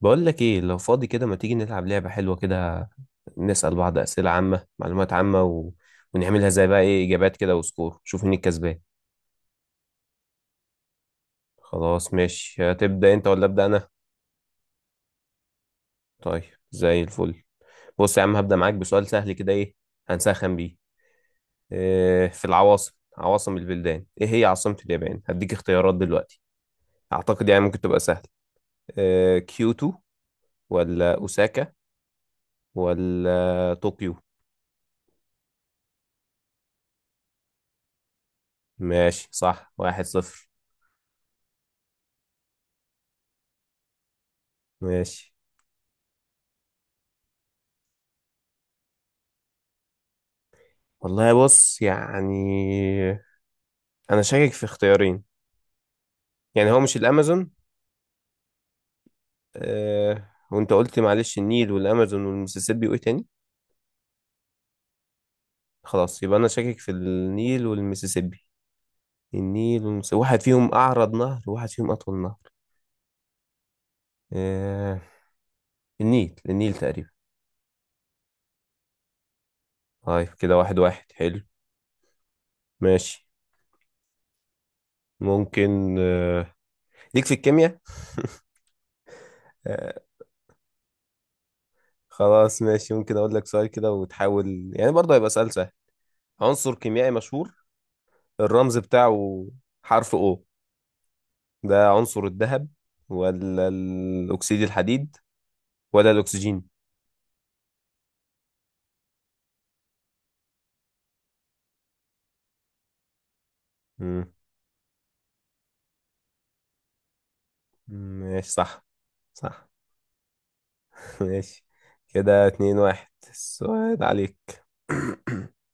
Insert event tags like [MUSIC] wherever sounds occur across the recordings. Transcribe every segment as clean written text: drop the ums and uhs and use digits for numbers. بقول لك ايه، لو فاضي كده ما تيجي نلعب لعبة حلوة كده؟ نسأل بعض أسئلة عامة، معلومات عامة ونعملها زي بقى ايه إجابات كده وسكور، شوف مين الكسبان. خلاص ماشي، هتبدأ انت ولا أبدأ أنا؟ طيب، زي الفل. بص يا عم، هبدأ معاك بسؤال سهل كده، ايه هنسخن بيه. إيه في العواصم، عواصم البلدان، ايه هي عاصمة اليابان؟ هديك اختيارات دلوقتي، أعتقد يعني ممكن تبقى سهل. إيه، كيوتو ولا أوساكا ولا طوكيو؟ ماشي صح، واحد صفر. ماشي، والله بص يعني انا شاكك في اختيارين. يعني هو مش الامازون. آه، وانت قلت معلش النيل والامازون والمسيسيبي وايه تاني؟ خلاص يبقى انا شاكك في النيل والمسيسيبي. النيل والمسيسيبي، واحد فيهم اعرض نهر وواحد فيهم اطول نهر. آه، النيل، النيل تقريبا. طيب كده واحد واحد، حلو. ماشي، ممكن آه، ليك في الكيمياء؟ آه خلاص ماشي، ممكن اقول لك سؤال كده وتحاول، يعني برضه هيبقى سؤال سهل. عنصر كيميائي مشهور، الرمز بتاعه حرف O، ده عنصر الذهب ولا الأكسيد الحديد ولا الأكسجين؟ مم. ماشي صح، صح. [LAUGHS] ماشي، كده اتنين واحد، السؤال عليك. [COUGHS] [CLEARS THROAT]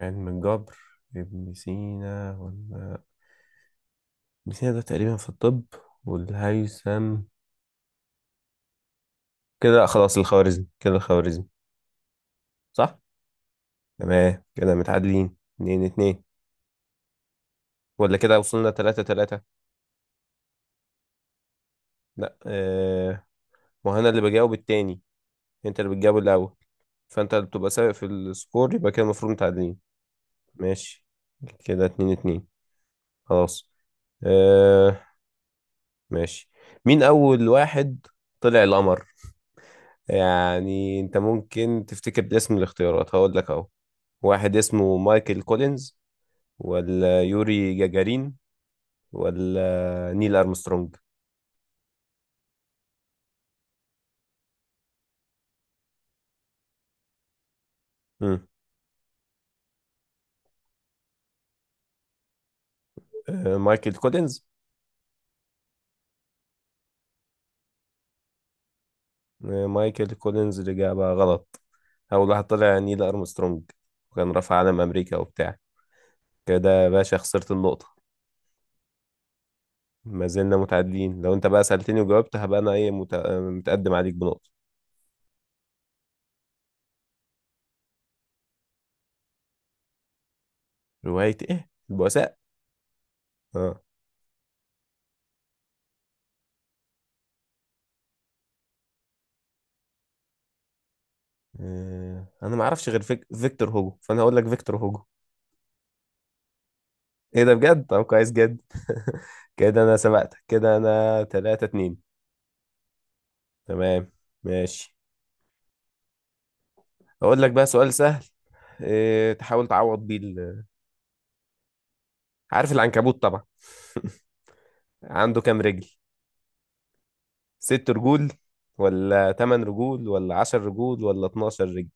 علم الجبر، ابن سينا ولا ابن سينا ده تقريبا في الطب، والهيثم كده لأ، خلاص الخوارزمي، كده الخوارزمي. صح. تمام، كده متعادلين اتنين اتنين ولا كده وصلنا تلاتة تلاتة؟ لا اه، وهنا اللي بجاوب التاني، انت اللي بتجاوب الأول، فانت اللي بتبقى سابق في السكور، يبقى كده المفروض متعادلين. ماشي كده اتنين اتنين، خلاص. آه ماشي، مين اول واحد طلع القمر؟ يعني انت ممكن تفتكر باسم الاختيارات، هقول لك اهو. واحد اسمه مايكل كولينز، ولا يوري جاجارين، ولا نيل ارمسترونج؟ مم. آه مايكل كولينز. آه مايكل كولينز، الاجابه غلط. اول واحد طلع نيل ارمسترونج، وكان رفع علم امريكا وبتاع. كده يا باشا خسرت النقطة. ما زلنا متعادلين، لو انت بقى سألتني وجاوبت هبقى انا ايه متقدم عليك بنقطة. رواية ايه، البؤساء؟ اه. آه، انا ما اعرفش غير فيكتور هوجو، فانا هقول لك فيكتور هوجو. ايه ده بجد؟ طب كويس جدا. [LAUGHS] كده انا سبقتك، كده انا 3 2. تمام ماشي، اقول لك بقى سؤال سهل إيه تحاول تعوض بيه عارف العنكبوت طبعا. [LAUGHS] عنده كام رجل؟ ست رجول ولا تمن رجول ولا عشر رجول ولا 12 رجل؟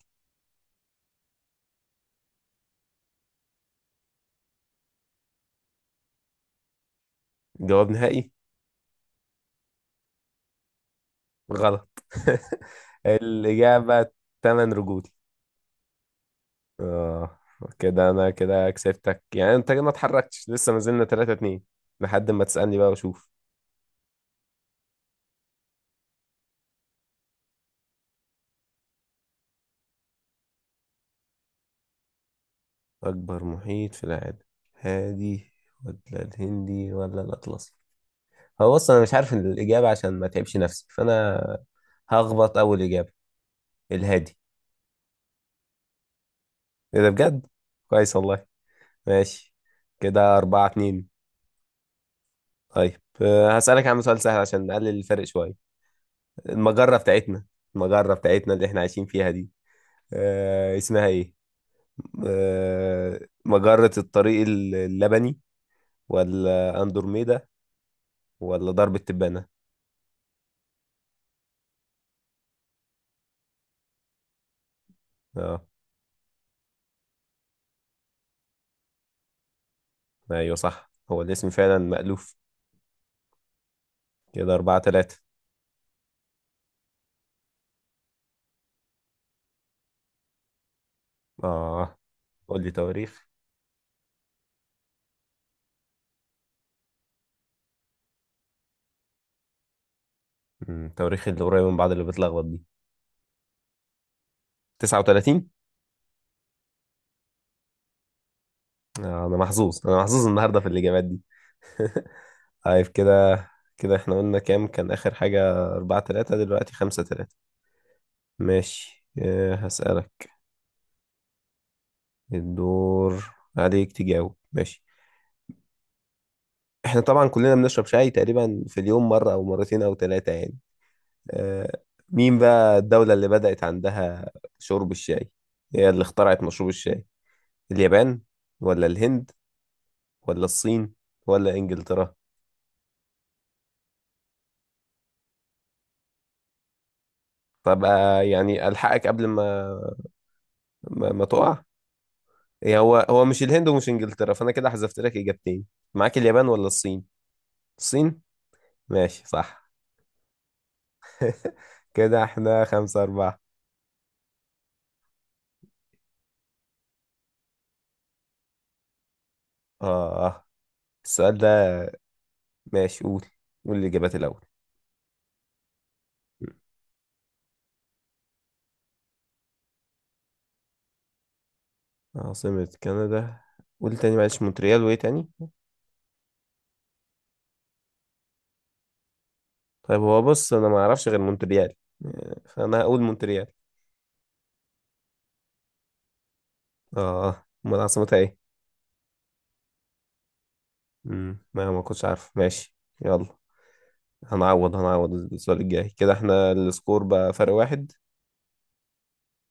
جواب نهائي؟ غلط. [LAUGHS] الإجابة تمن رجول. اه، كده أنا كده كسبتك، يعني أنت كده ما اتحركتش لسه، ما زلنا 3 2، لحد ما تسألني بقى وأشوف. أكبر محيط في العالم، هادي ولا الهندي ولا الأطلسي؟ هو بص أنا مش عارف الإجابة، عشان ما تعبش نفسي فأنا هخبط أول إجابة، الهادي. إيه ده بجد؟ كويس والله. ماشي، كده أربعة اتنين. طيب أه، هسألك عن سؤال سهل عشان نقلل الفرق شوية. المجرة بتاعتنا، المجرة بتاعتنا اللي احنا عايشين فيها دي، آه اسمها ايه؟ آه، مجرة الطريق اللبني ولا اندروميدا ولا درب التبانة؟ اه ايوه صح، هو الاسم فعلا مألوف. كده أربعة تلاتة. اه، قول لي تواريخ. مم، التواريخ اللي قريبة من بعض اللي بتلخبط دي. 39. آه انا محظوظ، انا محظوظ النهارده في الإجابات دي. [LAUGHS] طيب كده، كده احنا قلنا كام كان آخر حاجة؟ أربعة تلاتة، دلوقتي خمسة تلاتة. ماشي آه، هسألك. الدور عليك تجاوب، ماشي. احنا طبعا كلنا بنشرب شاي تقريبا في اليوم مرة او مرتين او ثلاثة يعني. آه، مين بقى الدولة اللي بدأت عندها شرب الشاي، هي اللي اخترعت مشروب الشاي؟ اليابان ولا الهند ولا الصين ولا انجلترا؟ طب آه، يعني الحقك قبل ما ما تقع. إيه هو، هو مش الهند ومش انجلترا، فانا كده حذفت لك اجابتين، معاك اليابان ولا الصين. الصين، ماشي صح. [LAUGHS] كده احنا خمسة أربعة. آه، السؤال ده ماشي، قول، قول الإجابات الأول. عاصمة كندا، قول تاني معلش، مونتريال وإيه تاني؟ طيب هو بص أنا ما أعرفش غير مونتريال، فأنا هقول مونتريال. آه أمال عاصمتها إيه؟ ما كنتش عارف، ماشي. يلا، هنعوض، هنعوض السؤال الجاي. كده احنا السكور بقى فرق واحد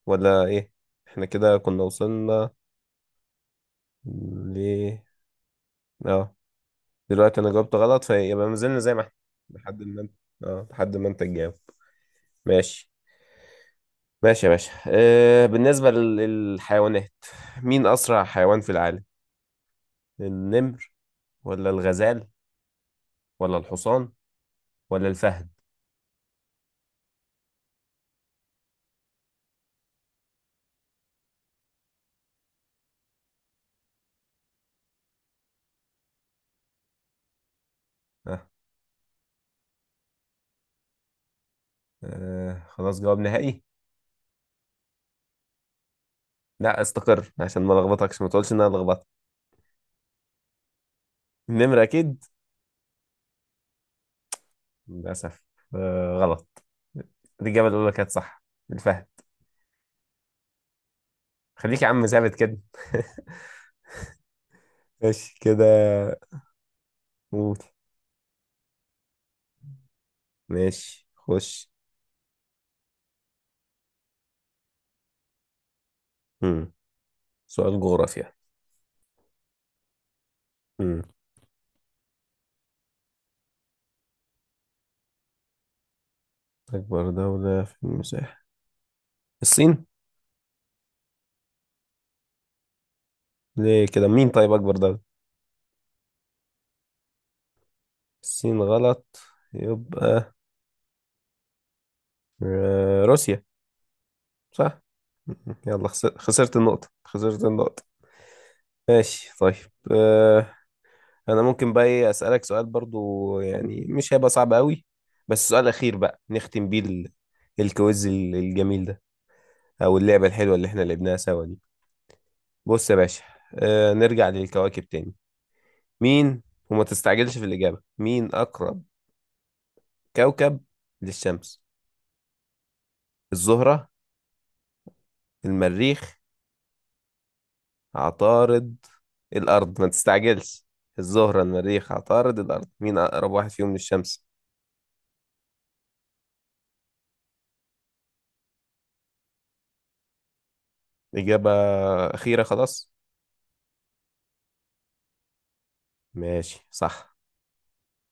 ولا إيه؟ احنا كده كنا وصلنا ل اه، دلوقتي أنا جاوبت غلط فيبقى ما زلنا زي ما احنا، لحد ما انت، اه لحد ما انت تجاوب. ماشي. ماشي يا باشا، أه بالنسبة للحيوانات، مين أسرع حيوان في العالم؟ النمر ولا الغزال ولا الحصان ولا الفهد؟ أه. أه خلاص، جواب نهائي؟ لا استقر، عشان ما لخبطكش ما تقولش إن أنا لخبطت. النمر أكيد؟ للأسف أه غلط. الإجابة الأولى كانت صح، الفهد. خليك يا عم ثابت كده. [LAUGHS] ماشي كده، قول. ماشي خش. مم. سؤال جغرافيا. مم. أكبر دولة في المساحة، الصين. ليه كده؟ مين طيب أكبر دولة؟ الصين غلط، يبقى آه، روسيا. صح. يلا، خسرت النقطة، خسرت النقطة. ماشي طيب، آه، أنا ممكن بقى إيه أسألك سؤال برضو، يعني مش هيبقى صعب قوي، بس سؤال أخير بقى نختم بيه الكويز الجميل ده، أو اللعبة الحلوة اللي إحنا لعبناها سوا دي. بص يا باشا، آه، نرجع للكواكب تاني. مين، وما تستعجلش في الإجابة، مين أقرب كوكب للشمس؟ الزهرة، المريخ، عطارد، الأرض، ما تستعجلش. الزهرة، المريخ، عطارد، الأرض، مين أقرب واحد فيهم للشمس؟ إجابة أخيرة خلاص؟ ماشي صح.